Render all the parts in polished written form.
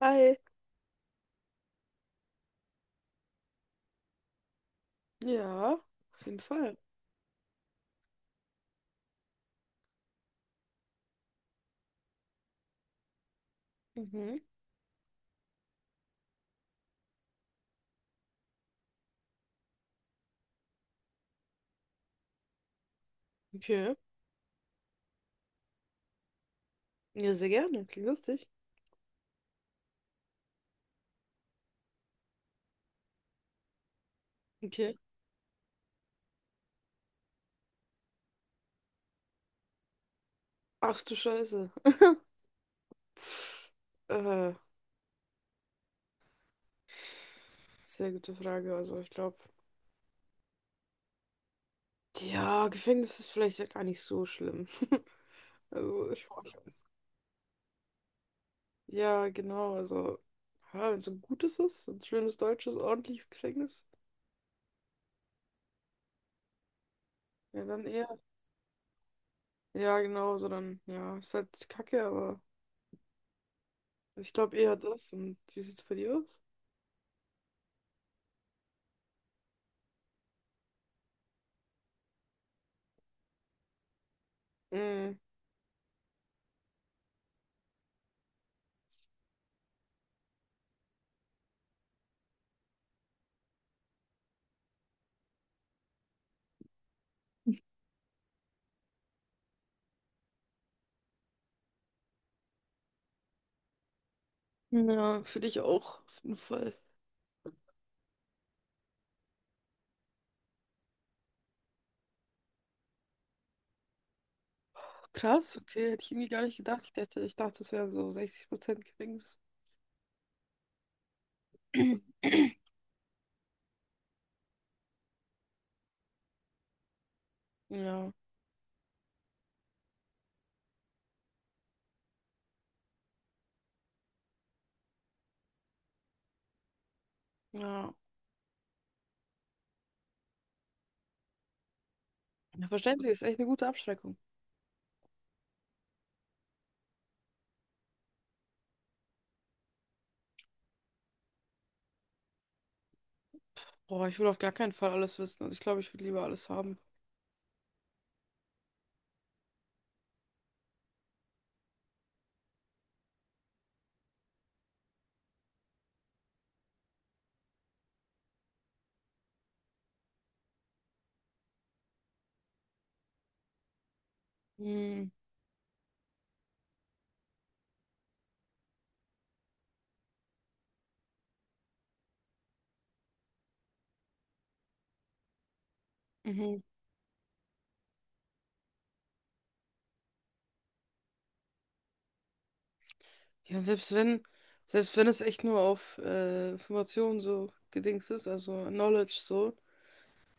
Hi. Ja, auf jeden Fall. Mhm. Okay. Ja, sehr gerne. Klingt lustig. Okay. Ach du Scheiße. Pff, äh, sehr gute Frage. Also ich glaube, ja, Gefängnis ist vielleicht ja gar nicht so schlimm. Also ich ja, genau. Also, ja, wenn es ein gutes ist, ein schönes deutsches, ordentliches Gefängnis, ja, dann eher. Ja, genau. So dann, ja, ist halt Kacke, aber ich glaube eher das. Und wie sieht's bei dir aus? Mm. Ja, für dich auch, auf jeden Fall. Krass, okay, hätte ich irgendwie gar nicht gedacht. Ich dachte, das wären so 60% Gefängnis. Ja, ja. Ja, verständlich, ist echt eine gute Abschreckung. Boah, ich will auf gar keinen Fall alles wissen. Also ich glaube, ich würde lieber alles haben. Hm, mhm. Ja, selbst wenn es echt nur auf Informationen so gedings ist, also Knowledge so,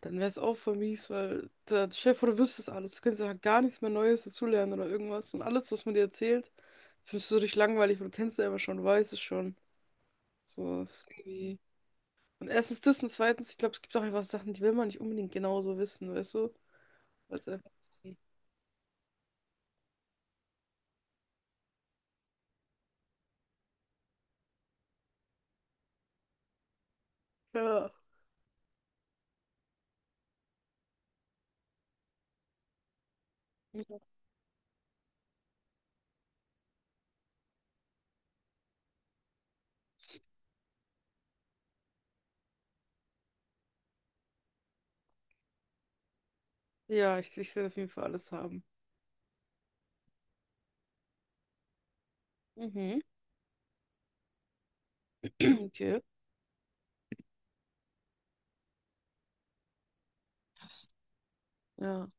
dann wäre es auch voll mies, weil der Chef oder wüsstest alles. Du könntest ja gar nichts mehr Neues dazulernen oder irgendwas. Und alles, was man dir erzählt, findest du so richtig langweilig, weil du kennst es ja immer schon, du weißt es schon. So, es ist irgendwie. Und erstens das und zweitens, ich glaube, es gibt auch einfach Sachen, die will man nicht unbedingt genauso wissen, weißt du? Weil einfach. Ja. Ja, ich will auf jeden Fall alles haben. Mhm. Okay. Passt. Ja.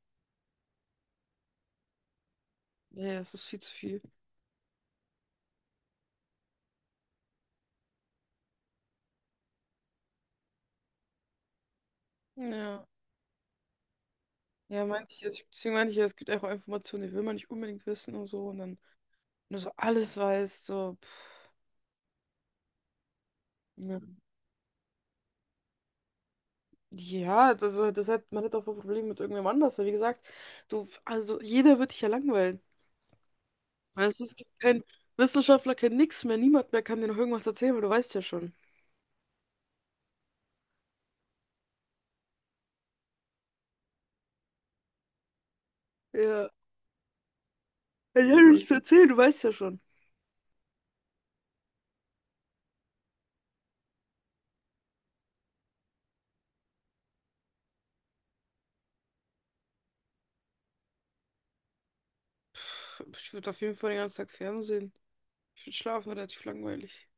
Ja, ja, es ist viel zu viel. Ja. Ja, meinte ich, jetzt- deswegen meinte ich, ja, es gibt auch Informationen, die will man nicht unbedingt wissen und so. Und dann nur so alles weiß so, pff, ne. Ja, das hat, man hat auch ein Problem mit irgendwem anders. Weil wie gesagt, du, also jeder wird dich ja langweilen. Weißt du, es gibt keinen Wissenschaftler, kein nix mehr, niemand mehr kann dir noch irgendwas erzählen, weil du weißt ja schon. Ja, ich habe nichts zu erzählen, du weißt ja schon. Pff, ich würde auf jeden Fall den ganzen Tag Fernsehen. Ich würde schlafen, relativ langweilig.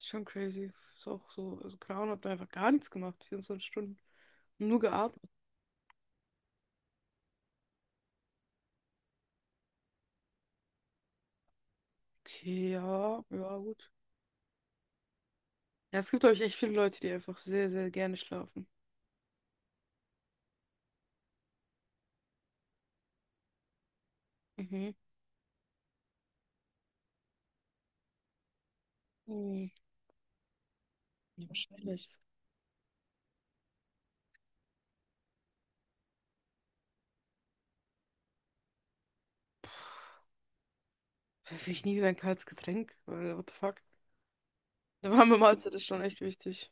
Schon crazy. Ist auch so, also Clown hat mir einfach gar nichts gemacht, 24 Stunden. Nur geatmet. Okay, ja, ja, gut. Ja, es gibt, glaube ich, echt viele Leute, die einfach sehr, sehr gerne schlafen. Mhm. Hm, ja, wahrscheinlich. Will ich nie wieder ein kaltes Getränk, weil, what the fuck? Eine warme Mahlzeit ist schon echt wichtig.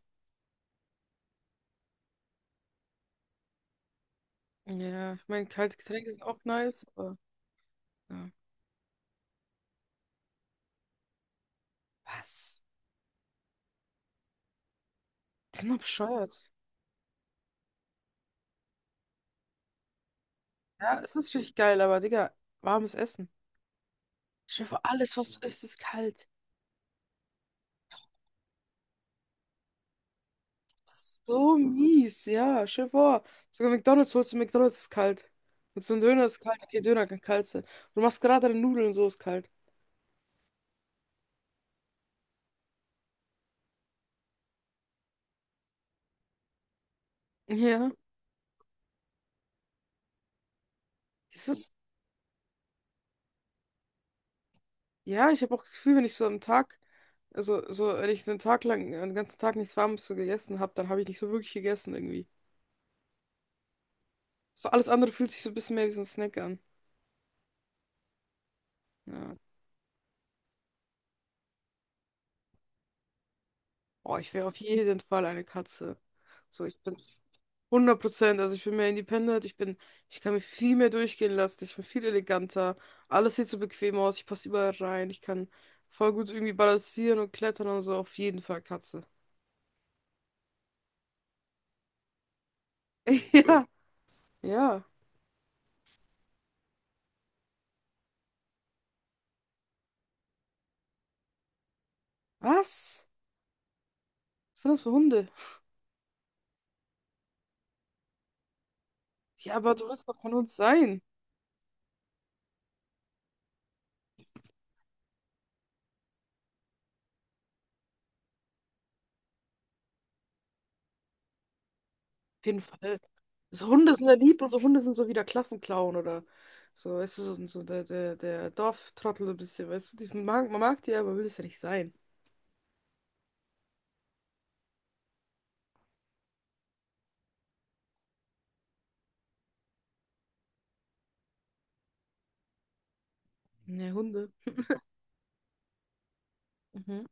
Ja, ich meine, kalte Getränke sind auch nice, aber ja. Was? Die sind doch bescheuert. Ja, es ist richtig geil, aber Digga, warmes Essen. Stell dir vor, alles, was du isst, ist kalt. Das ist so mies, ja, stell dir vor. Sogar McDonald's holst du, McDonald's ist kalt. Und so ein Döner ist kalt, okay, Döner kann kalt sein. Du machst gerade deine Nudeln und so ist kalt. Ja. Es ist, ja, ich habe auch das Gefühl, wenn ich so am Tag, also so, wenn ich einen Tag lang, einen ganzen Tag nichts Warmes so gegessen habe, dann habe ich nicht so wirklich gegessen irgendwie. So alles andere fühlt sich so ein bisschen mehr wie so ein Snack an. Ja. Oh, ich wäre auf jeden Fall eine Katze. So, ich bin 100%, also ich bin mehr independent, ich bin, ich kann mich viel mehr durchgehen lassen, ich bin viel eleganter, alles sieht so bequem aus, ich passe überall rein, ich kann voll gut irgendwie balancieren und klettern und so, auf jeden Fall Katze. Ja, ja. Was? Was sind das für Hunde? Ja, aber du wirst doch von uns sein. Auf jeden Fall. So Hunde sind ja lieb und so Hunde sind so wie der Klassenclown oder so, weißt du, so, so der Dorftrottel so ein bisschen, weißt du, die, man mag die, aber will es ja nicht sein. Ne, Hunde. Mhm.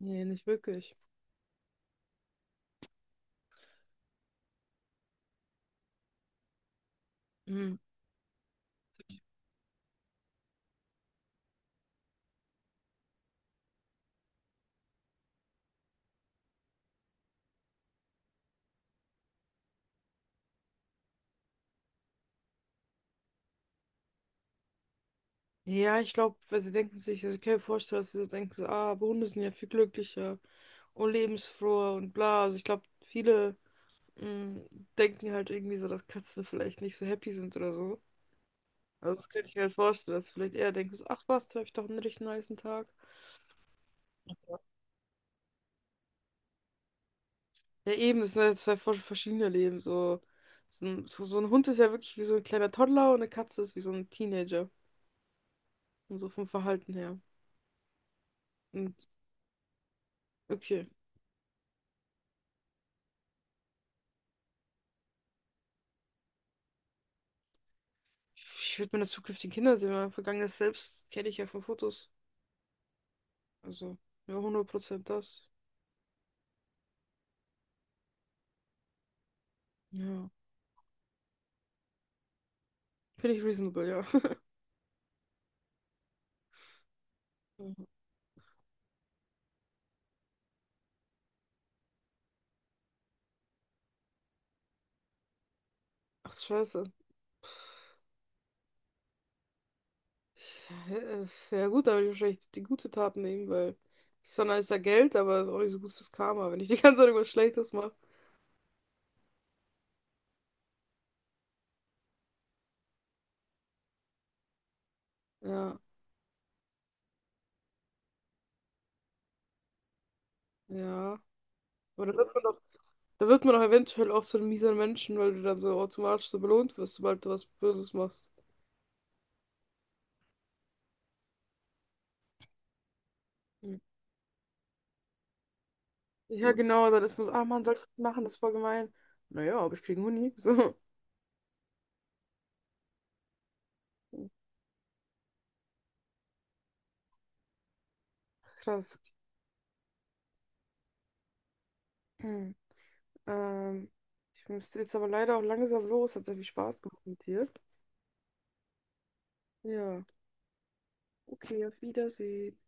Nee, nicht wirklich. Mhm. Ja, ich glaube, weil sie denken sich, also ich kann mir vorstellen, dass sie so denken, so, ah, aber Hunde sind ja viel glücklicher und lebensfroher und bla. Also ich glaube, viele mm, denken halt irgendwie so, dass Katzen vielleicht nicht so happy sind oder so. Also das könnte ich mir halt vorstellen, dass du vielleicht eher denkst, ach was, da habe ich doch einen richtig niceen Tag. Ja, eben, das sind halt zwei voll verschiedene Leben. So, so ein Hund ist ja wirklich wie so ein kleiner Toddler und eine Katze ist wie so ein Teenager. Und so vom Verhalten her. Und okay. Ich würde meine zukünftigen Kinder sehen, mein vergangenes Selbst kenne ich ja von Fotos. Also, ja, 100% das. Ja. Finde ich reasonable, ja. Ach, scheiße. Äh, Ja gut, da würde ich wahrscheinlich die gute Tat nehmen, weil es ist zwar nicer Geld, aber es ist auch nicht so gut fürs Karma, wenn ich die ganze Zeit irgendwas Schlechtes mache. Ja, ja. Aber da wird man doch eventuell auch zu einem miesen Menschen, weil du dann so automatisch so belohnt wirst, sobald du was Böses machst. Mhm. Ja, genau, dann ist man so, ah Mann, soll ich das machen, das ist voll gemein. Naja, aber ich kriege einen Huni. So. Krass. Hm. Ähm, ich müsste jetzt aber leider auch langsam los, hat sehr viel Spaß gemacht mit dir. Ja, okay, auf Wiedersehen.